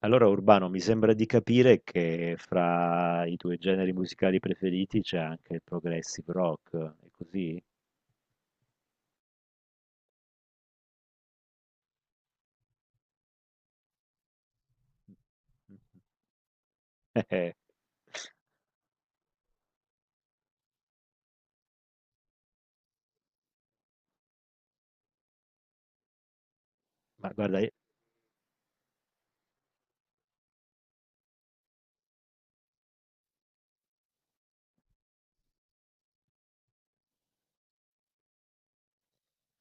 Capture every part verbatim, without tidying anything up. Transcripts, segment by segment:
Allora, Urbano, mi sembra di capire che fra i tuoi generi musicali preferiti c'è anche il progressive rock, è così? Eh, Ma guarda,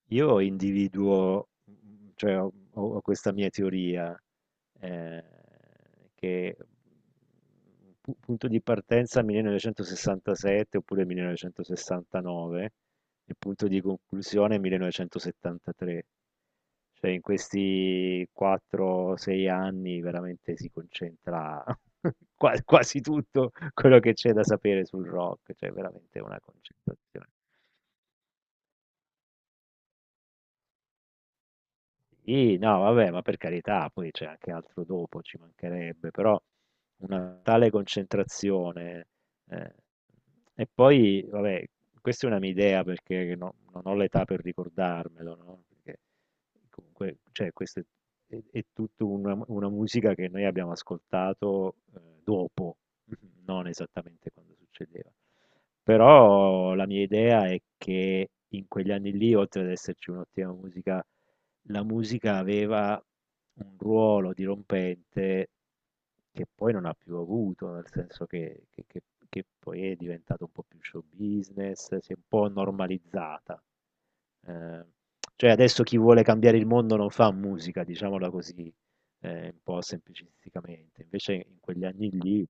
io individuo, cioè ho, ho- ho questa mia teoria. eh, che pu- Punto di partenza millenovecentosessantasette oppure millenovecentosessantanove e punto di conclusione millenovecentosettantatré. Cioè in questi quattro a sei anni veramente si concentra qua- quasi tutto quello che c'è da sapere sul rock, cioè veramente una concentrazione. Sì, no, vabbè, ma per carità, poi c'è anche altro dopo, ci mancherebbe, però una tale concentrazione. eh, E poi, vabbè, questa è una mia idea perché no- non ho l'età per ricordarmelo, no? Perché comunque, cioè, questa è, è- è tutta una, una musica che noi abbiamo ascoltato eh, dopo, non esattamente quando succedeva. Però la mia idea è che in quegli anni lì, oltre ad esserci un'ottima musica, la musica aveva un ruolo dirompente che poi non ha più avuto, nel senso che, che- che- che poi è diventato un po' più show business, si è un po' normalizzata. Eh, cioè adesso chi vuole cambiare il mondo non fa musica, diciamola così, eh, un po' semplicisticamente. Invece in quegli anni lì.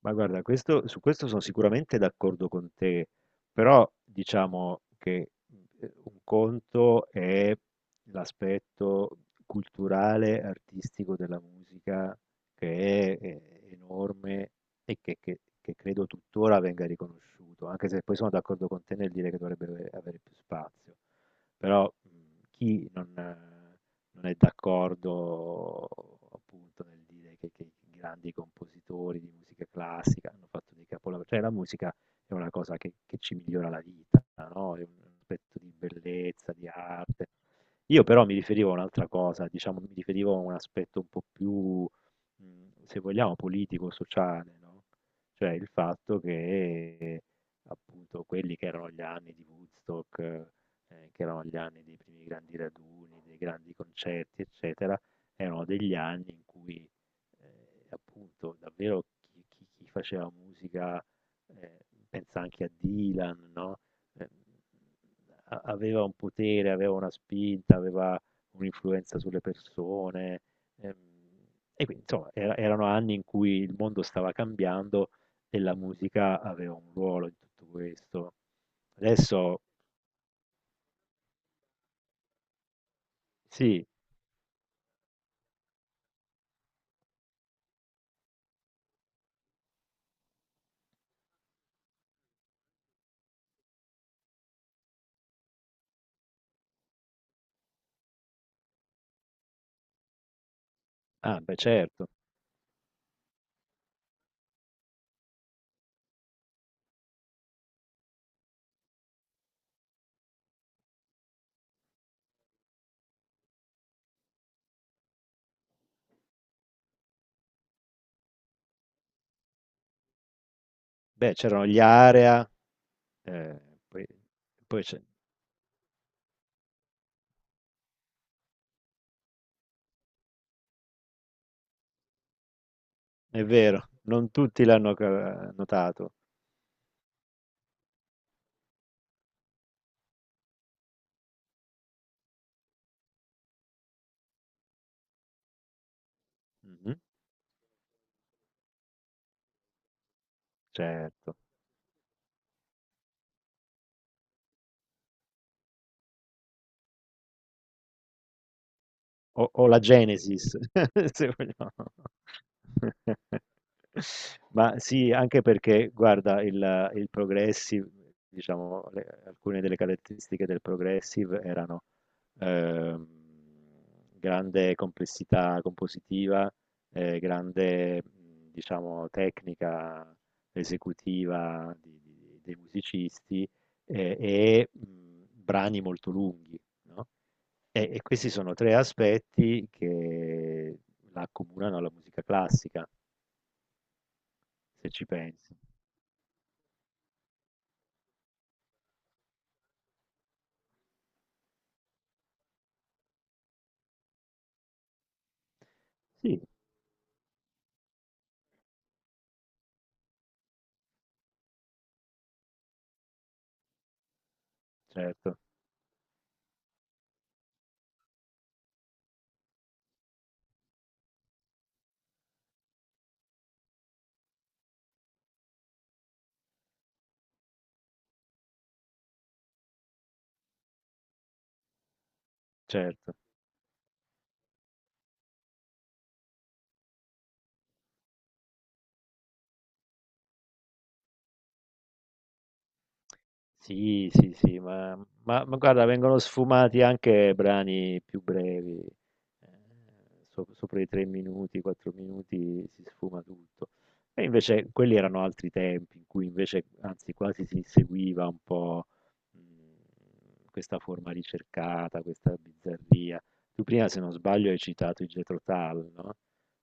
Ma guarda, questo- su questo sono sicuramente d'accordo con te, però diciamo che eh, un conto è l'aspetto culturale, artistico della musica, che è eh, enorme e che, che- che credo tuttora venga riconosciuto, anche se poi sono d'accordo con te nel dire che dovrebbe avere più spazio. Però mh, chi non, non è d'accordo appunto nel dire che, che i grandi compositori di musica classica hanno fatto dei capolavori, cioè la musica è una cosa che, che ci migliora la vita, no? È un aspetto di bellezza, di arte. Io però mi riferivo a un'altra cosa, diciamo, mi riferivo a un aspetto un po' più, mh, se vogliamo, politico, sociale, no? Cioè il fatto che appunto quelli che erano gli anni di Woodstock, eh, ehm, che erano gli anni dei primi grandi raduni, dei grandi concerti, eccetera, erano degli anni in cui, ehm, appunto, davvero chi chi chi faceva musica, ehm, pensa anche a Dylan, no, ehm, a aveva un potere, aveva una spinta, aveva un'influenza sulle persone, ehm, e quindi insomma era erano anni in cui il mondo stava cambiando e la musica aveva un ruolo in tutto questo. Adesso. Sì. Ah, beh, certo. Beh, c'erano gli Area, eh, poi, poi c'è- È vero, non tutti l'hanno ca- notato. Mhm, certo. O o la Genesis, se vogliamo. Ma sì, anche perché guarda il il progressive, diciamo le alcune delle caratteristiche del progressive erano, ehm, grande complessità compositiva, ehm, grande, mhmm, diciamo tecnica esecutiva di di dei musicisti, ehm, e, mhmm, brani molto lunghi, no? E e questi sono tre aspetti che la accomunano alla musica classica, se ci pensi. Sì, certo, cer Sì, sì, sì, ma, ma- ma guarda, vengono sfumati anche brani più brevi, eh, so- sopra i tre minuti, quattro minuti si sfuma tutto. E invece quelli erano altri tempi in cui invece, anzi, quasi si seguiva un po' mh, questa forma ricercata, questa bizzarria. Tu prima, se non sbaglio, hai citato i Jethro Tull, no?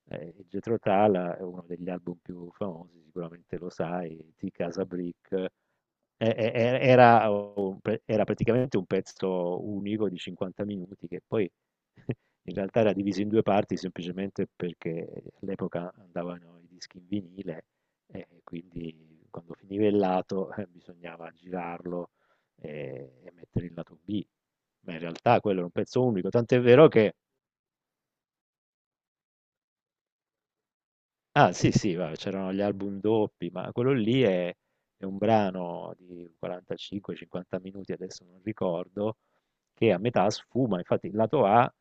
Eh, il Jethro Tull è uno degli album più famosi, sicuramente lo sai, di Casa Brick. E- e- e- Era, un pre- era praticamente un pezzo unico di cinquanta minuti che poi in realtà era diviso in due parti semplicemente perché all'epoca andavano i dischi in vinile e quindi quando finiva il lato eh, bisognava girarlo e, e mettere il lato B. Ma in realtà quello era un pezzo unico, tant'è vero che, ah sì sì, va, c'erano gli album doppi, ma quello lì è è un brano di quarantacinque cinquanta minuti, adesso non ricordo, che a metà sfuma, infatti il lato A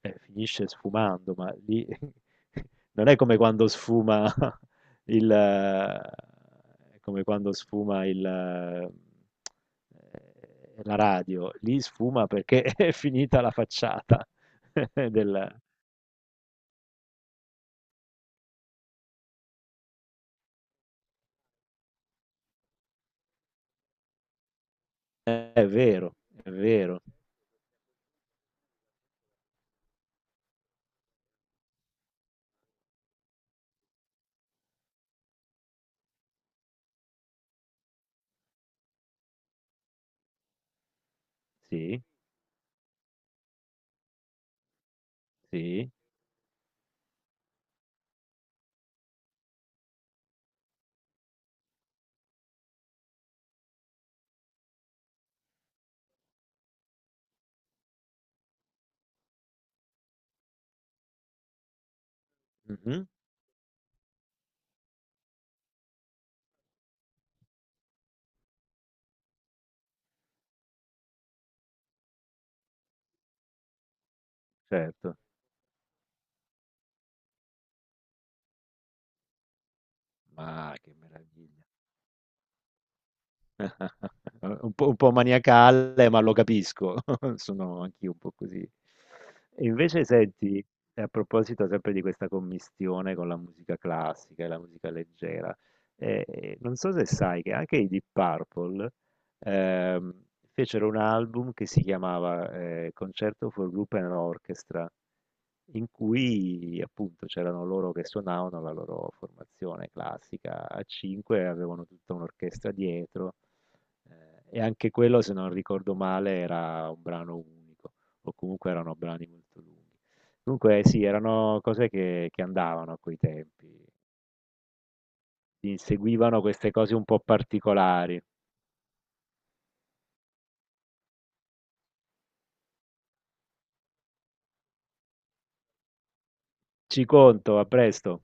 eh, finisce sfumando, ma lì non è come quando sfuma il, eh, è come quando sfuma il, eh, la radio, lì sfuma perché è finita la facciata del... Eh, È vero, è vero, sì, sì, mhm, certo, ma che meraviglia. Un po', un po' maniacale, ma lo capisco, sono anch'io un po' così. E invece senti, a proposito sempre di questa commistione con la musica classica e la musica leggera, eh, non so se sai che anche i Deep Purple ehm, fecero un album che si chiamava eh, Concerto for Group and Orchestra, in cui appunto c'erano loro che suonavano la loro formazione classica a cinque, avevano tutta un'orchestra dietro eh, e anche quello, se non ricordo male, era un brano unico o comunque erano brani molto lunghi. Comunque sì, erano cose che, che andavano a quei tempi, inseguivano queste cose un po' particolari. Ci conto, a presto.